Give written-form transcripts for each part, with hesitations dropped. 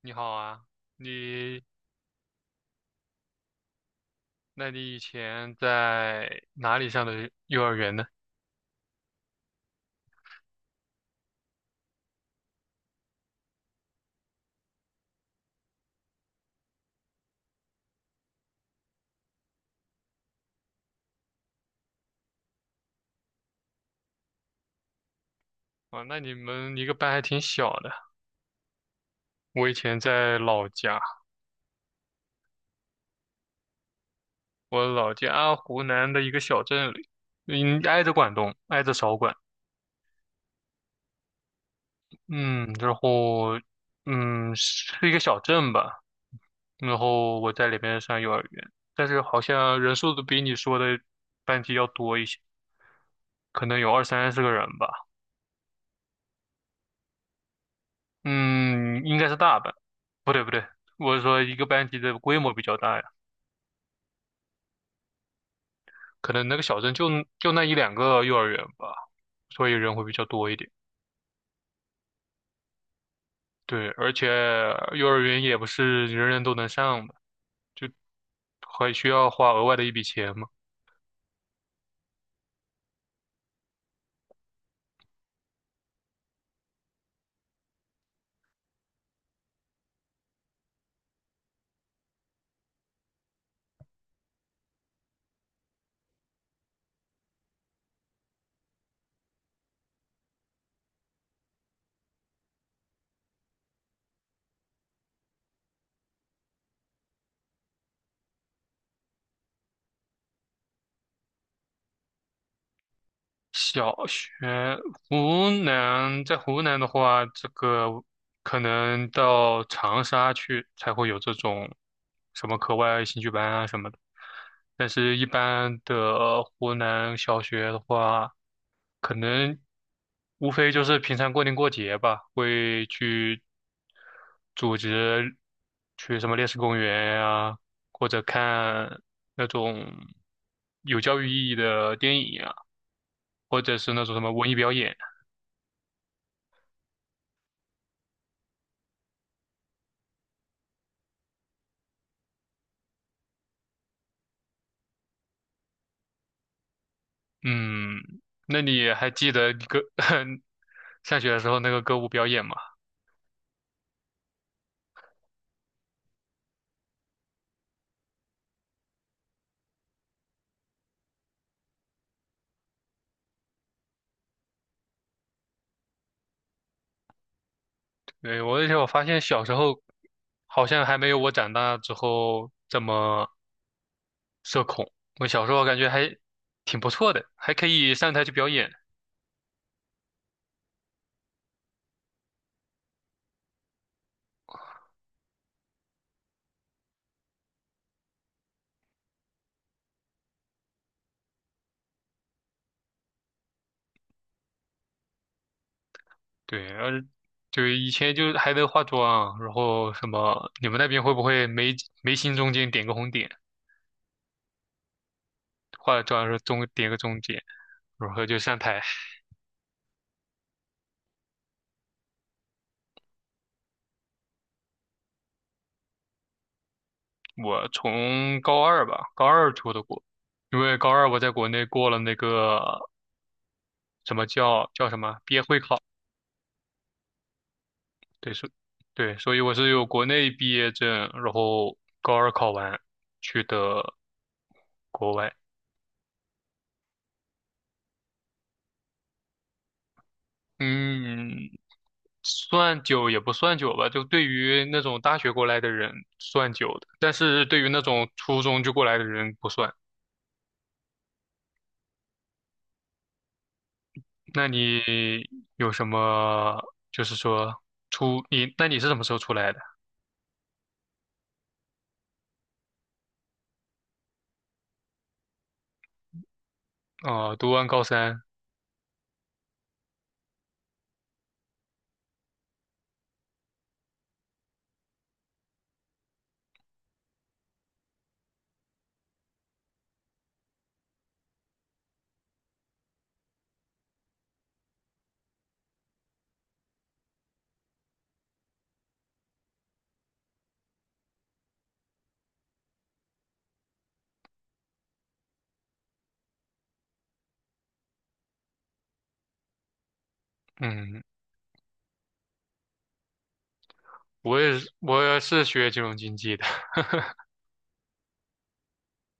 你好啊，你，那你以前在哪里上的幼儿园呢？啊，那你们一个班还挺小的。我以前在老家，我老家湖南的一个小镇里，挨着广东，挨着韶关，嗯，然后，是一个小镇吧。然后我在里边上幼儿园，但是好像人数都比你说的班级要多一些，可能有二三十个人吧。嗯，应该是大班，不对不对，我是说一个班级的规模比较大呀。可能那个小镇就那一两个幼儿园吧，所以人会比较多一点。对，而且幼儿园也不是人人都能上的，就还需要花额外的一笔钱嘛。小学，在湖南的话，这个可能到长沙去才会有这种什么课外兴趣班啊什么的。但是，一般的湖南小学的话，可能无非就是平常过年过节吧，会去组织去什么烈士公园呀、或者看那种有教育意义的电影呀、或者是那种什么文艺表演。嗯，那你还记得上学的时候那个歌舞表演吗？对，而且我发现小时候好像还没有我长大之后这么社恐。我小时候感觉还挺不错的，还可以上台去表演。对，对以前就还能化妆，然后什么，你们那边会不会眉心中间点个红点，化了妆的时候中点个中间，然后就上台？我从高二吧，高二出的国，因为高二我在国内过了那个什么叫什么毕业会考，对，是，对，所以我是有国内毕业证，然后高二考完去的国外。嗯，算久也不算久吧，就对于那种大学过来的人算久的，但是对于那种初中就过来的人不算。那你有什么，就是说那你是什么时候出来的？啊，读完高三，嗯，我也是学金融经济的，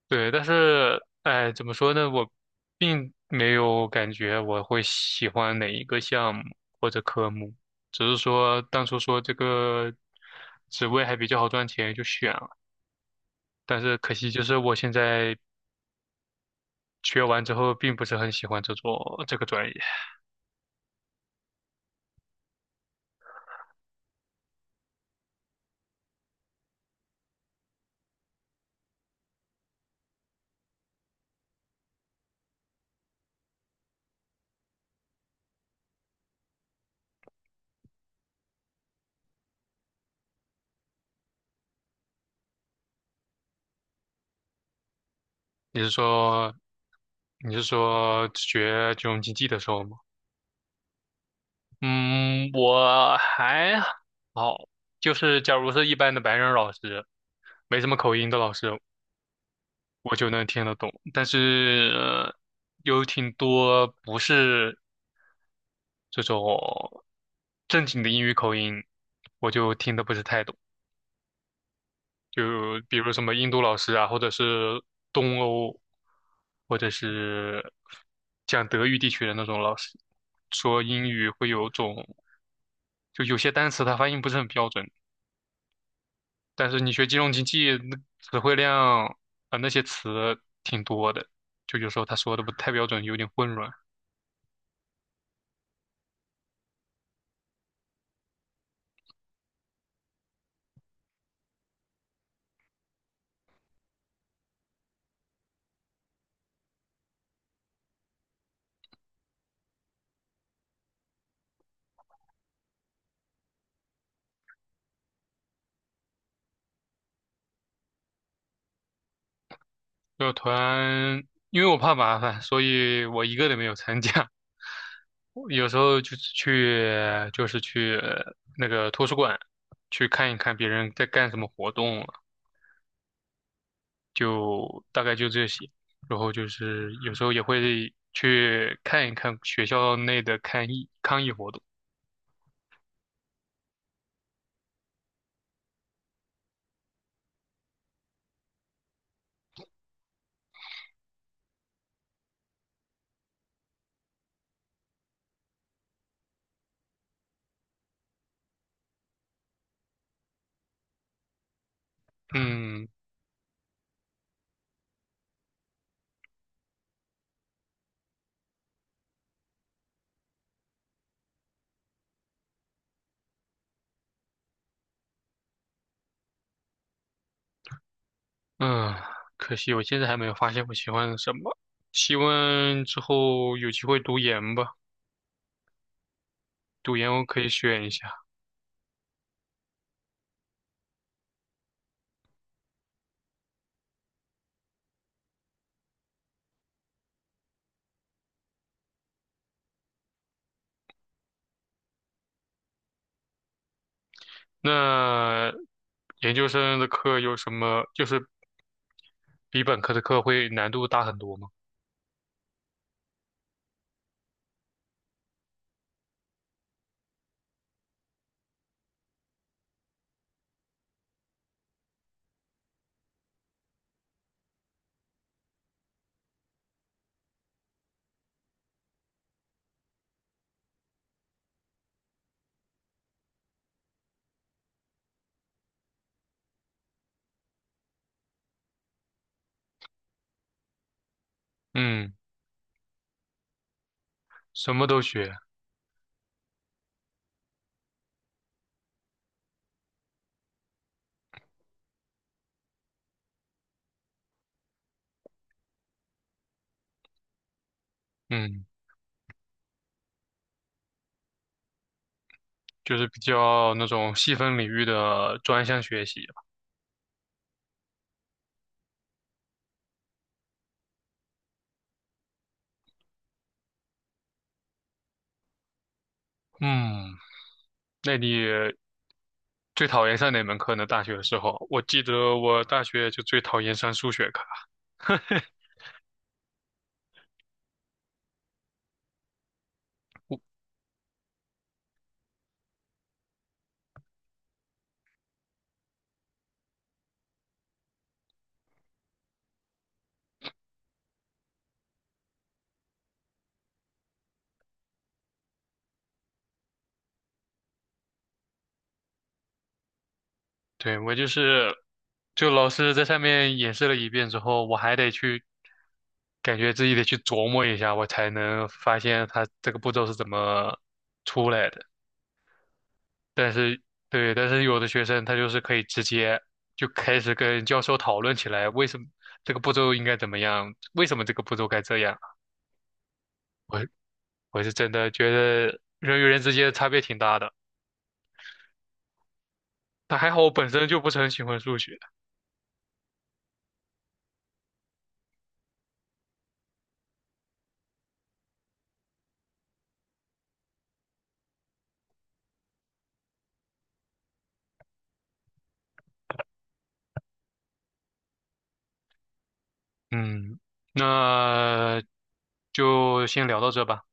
对，但是，哎，怎么说呢，我并没有感觉我会喜欢哪一个项目或者科目，只是说当初说这个职位还比较好赚钱，就选了，但是可惜就是我现在学完之后，并不是很喜欢这做这个专业。你是说你是说学金融经济的时候吗？嗯，我还好，就是假如是一般的白人老师，没什么口音的老师，我就能听得懂。但是，有挺多不是这种正经的英语口音，我就听得不是太懂。就比如什么印度老师啊，或者是东欧，或者是讲德语地区的那种老师，说英语会有种，就有些单词它发音不是很标准。但是你学金融经济，那词汇量啊，那些词挺多的，就有时候他说的不太标准，有点混乱。社团，因为我怕麻烦，所以我一个都没有参加。我有时候就是去，那个图书馆去看一看别人在干什么活动了，就大概就这些。然后就是有时候也会去看一看学校内的抗议活动。嗯。嗯，可惜我现在还没有发现我喜欢什么。希望之后有机会读研吧，读研我可以选一下。那研究生的课有什么，就是比本科的课会难度大很多吗？嗯，什么都学。嗯，就是比较那种细分领域的专项学习。嗯，那你最讨厌上哪门课呢？大学的时候，我记得我大学就最讨厌上数学课。对，我就是，就老师在上面演示了一遍之后，我还得去，感觉自己得去琢磨一下，我才能发现他这个步骤是怎么出来的。但是，对，但是有的学生他就是可以直接就开始跟教授讨论起来，为什么这个步骤应该怎么样，为什么这个步骤该这样。我我是真的觉得人与人之间的差别挺大的，但还好我本身就不是很喜欢数学。嗯，那就先聊到这吧。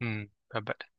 嗯，拜拜。